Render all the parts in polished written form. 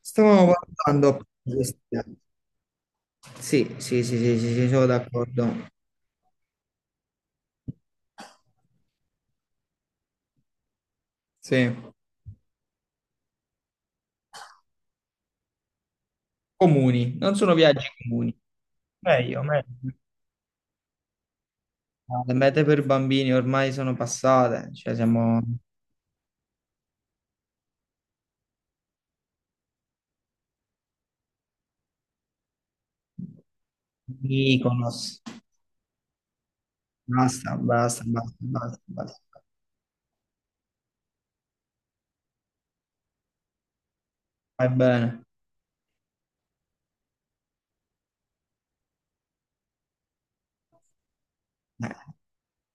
Stavamo guardando. Sì, sì, sì, sì, sì, sì, sono d'accordo. Sì. Comuni, non sono viaggi comuni. Meglio, meglio. Le mete per bambini ormai sono passate, cioè siamo Mykonos. Basta, basta, basta, basta, basta. Vai bene. Eh,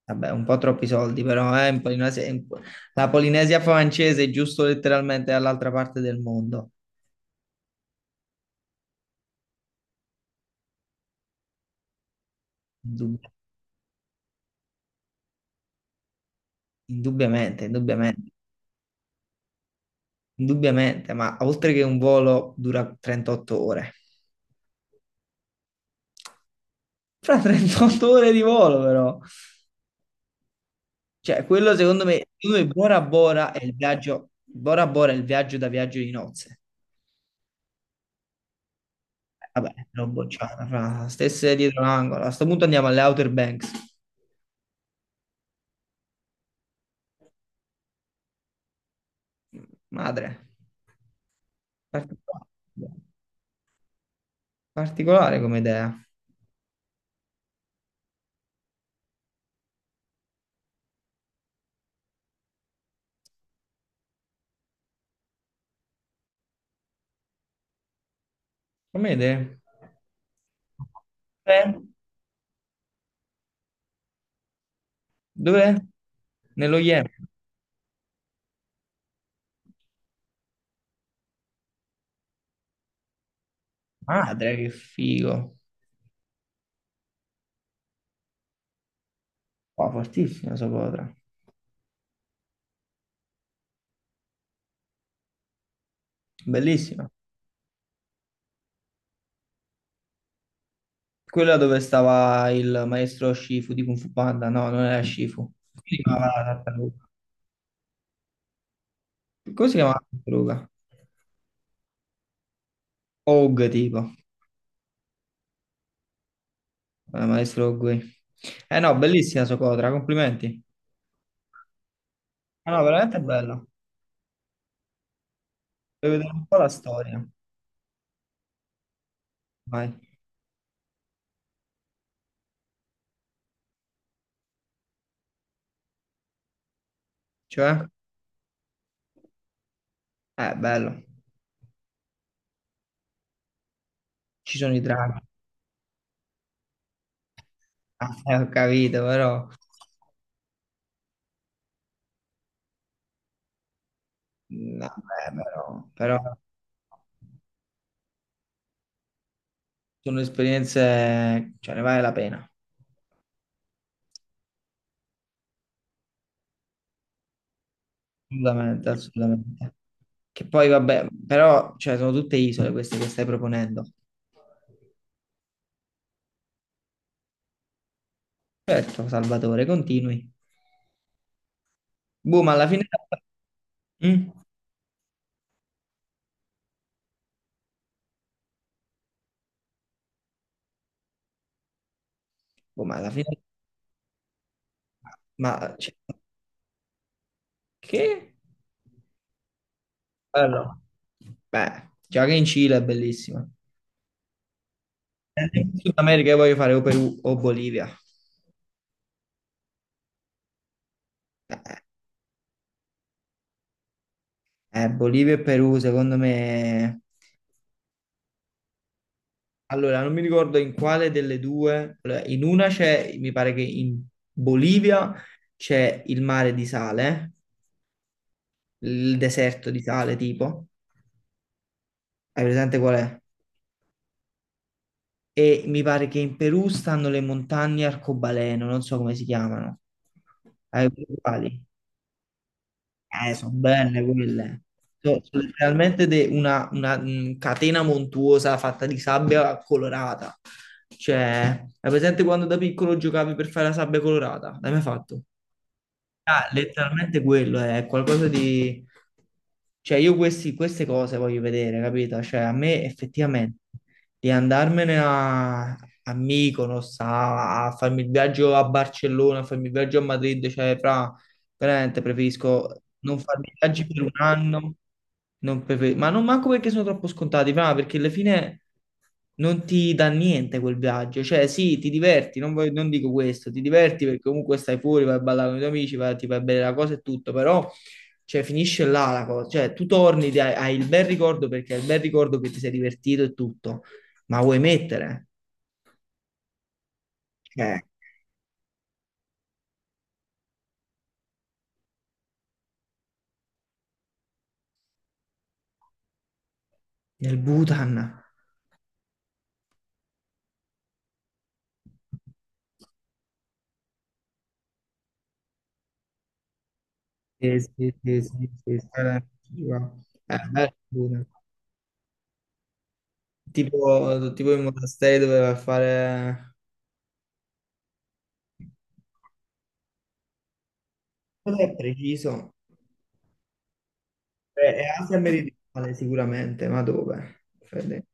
Vabbè, un po' troppi soldi, però in la Polinesia francese è giusto letteralmente dall'altra parte del mondo. Indubbi- Indubbiamente, indubbiamente. Indubbiamente, ma oltre che un volo dura 38 ore. Fra 38 ore di volo, però. Cioè, quello secondo me Bora Bora è il viaggio, Bora Bora è il viaggio da viaggio di nozze. Vabbè, l'ho bocciata, fra stesse dietro l'angolo. A sto punto andiamo alle Outer Banks. Madre, particolare, particolare come idea. Come idea? Dov'è? Dov'è? Nello Yemen. Madre, che figo. Qua fortissima sta cosa. Bellissima. Quella dove stava il maestro Shifu di Kung Fu Panda. No, non era Shifu. Come si chiamava la tartaruga? Come si chiamava la tartaruga? Og tipo. Maestro Og. Eh no, bellissima Socotra, complimenti. Ah, no, veramente bella. Vuoi vedere un po' la storia? Vai. Cioè? Bello. Ci sono i draghi. Ah, ho capito, però... No, beh, però... Però sono esperienze... Cioè, ne vale la pena. Assolutamente, assolutamente. Che poi vabbè, però cioè, sono tutte isole queste che stai proponendo. Certo, Salvatore, continui. Boh, ma alla fine... Mm? Boh, ma alla fine... Ma... cioè, che? Bello. Beh, già che in Cile è bellissima. In Sud America io voglio fare o Perù o Bolivia. Eh, Bolivia e Perù, secondo me... Allora, non mi ricordo in quale delle due, allora, in una c'è, mi pare che in Bolivia c'è il mare di sale, il deserto di sale tipo, hai presente qual è? E mi pare che in Perù stanno le montagne arcobaleno, non so come si chiamano. Hai presente quali? Sono belle quelle. Sono letteralmente una, catena montuosa fatta di sabbia colorata. Cioè, hai presente quando da piccolo giocavi per fare la sabbia colorata? L'hai mai fatto? Ah, letteralmente quello è qualcosa di... Cioè, io queste cose voglio vedere, capito? Cioè, a me effettivamente di andarmene a, a Mykonos, a, a farmi il viaggio a Barcellona, a farmi il viaggio a Madrid, cioè, fra, veramente preferisco non farmi viaggi per un anno, non prefer- ma non manco perché sono troppo scontati, ma perché alla fine non ti dà niente quel viaggio, cioè sì, ti diverti, non, non dico questo, ti diverti perché comunque stai fuori, vai a ballare con i tuoi amici, vai, ti fai bene la cosa e tutto, però cioè, finisce là la cosa, cioè tu torni, hai il bel ricordo perché hai il bel ricordo che ti sei divertito e tutto, ma vuoi mettere? Cioè, nel Bhutan. Sì, sì, sì, sì, sì, sì, bello il Bhutan. Tipo, tipo i monasteri doveva fare, cosa è preciso? È Asia meridionale sicuramente, ma dove? Fede.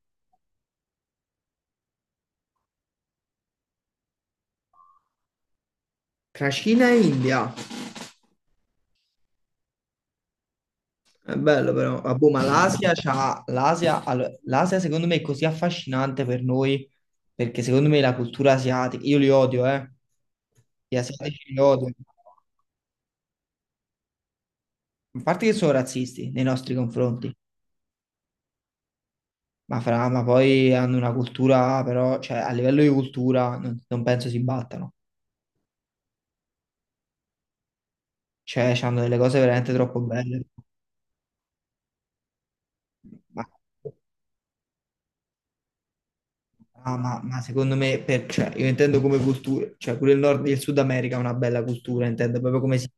Tra Cina e India, è bello però. Ah, boh, ma l'Asia c'ha, l'Asia, allora, l'Asia secondo me è così affascinante per noi, perché secondo me la cultura asiatica, io li odio, gli asiatici li odio, a parte che sono razzisti nei nostri confronti, ma, fra, ma poi hanno una cultura, però, cioè, a livello di cultura non penso si battano. Cioè, hanno delle cose veramente troppo belle. Ma, ah, ma secondo me, cioè, io intendo come cultura, cioè pure il Nord e il Sud America è una bella cultura, intendo proprio come si...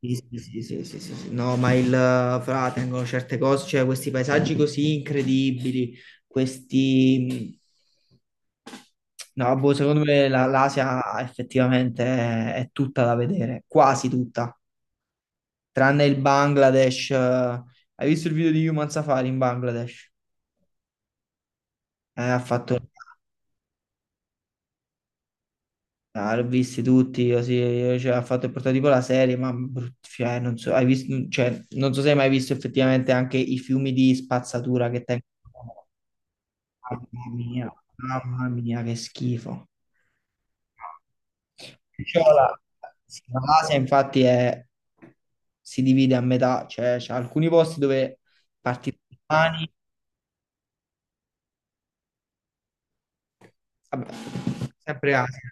Sì, sì, sì, sì, sì, sì, sì. No, ma il fra tengono certe cose, cioè questi paesaggi così incredibili, questi... No, boh, secondo me l'Asia effettivamente è tutta da vedere, quasi tutta. Tranne il Bangladesh. Eh, hai visto il video di Human Safari in Bangladesh? Ha fatto, ah, l'ho visti tutti, così, cioè, ha fatto il prototipo la serie, ma cioè, non so, hai visto, cioè, non so se hai mai visto effettivamente anche i fiumi di spazzatura che tengono. Mamma mia, che schifo. Cioè, la, la Asia infatti si divide a metà, cioè c'è alcuni posti dove parti domani, vabbè, sempre Asia.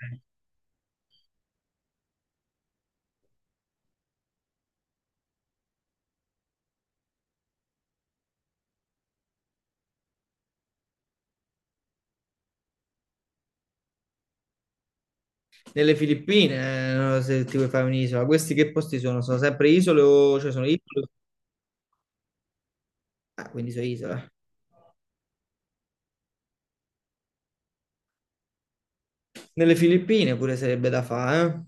Nelle Filippine, non so se ti vuoi fare un'isola, questi che posti sono? Sono sempre isole o cioè sono isole? Ah, quindi sono isole. Nelle Filippine pure sarebbe da fare,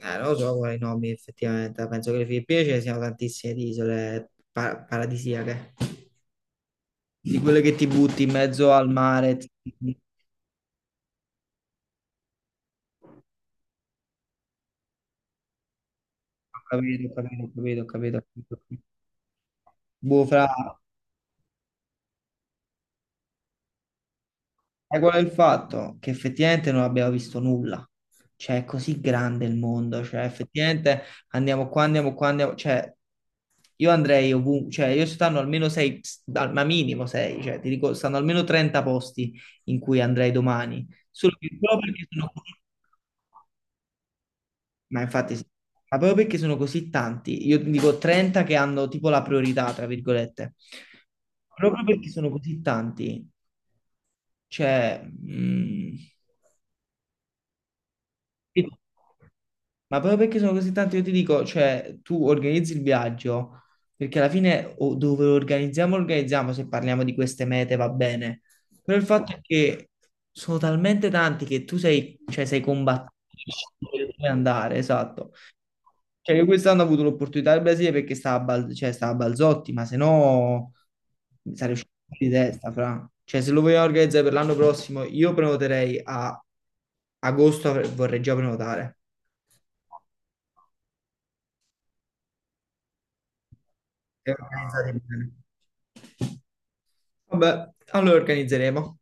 eh? Non lo so quali nomi effettivamente, penso che le Filippine ce ne siano tantissime di isole paradisiache, di quelle che ti butti in mezzo al mare. Ti- ho capito, ho capito, ho capito, ho capito. Boh, fra... è quello è il fatto che effettivamente non abbiamo visto nulla. Cioè, è così grande il mondo, cioè, effettivamente andiamo qua, andiamo qua, andiamo... Cioè, io andrei ovunque, cioè, io stanno almeno sei, ma minimo sei, cioè, ti dico, stanno almeno 30 posti in cui andrei domani. Solo che proprio perché sono... così- Ma infatti, sì. Ma proprio perché sono così tanti, io ti dico 30 che hanno tipo la priorità, tra virgolette. Proprio perché sono così tanti, cioè... mm, ma proprio perché sono così tanti, io ti dico, cioè, tu organizzi il viaggio, perché alla fine o dove lo organizziamo, se parliamo di queste mete va bene. Però il fatto è che sono talmente tanti che tu sei, cioè, sei combattuto per scegliere dove andare, esatto. Cioè, io quest'anno ho avuto l'opportunità del Brasile perché stava a, cioè, stava a Balzotti, ma se no mi sarei uscito di testa, fra. Cioè, se lo vogliamo organizzare per l'anno prossimo, io prenoterei a agosto, vorrei già prenotare. E organizzate bene. Vabbè, allora organizzeremo.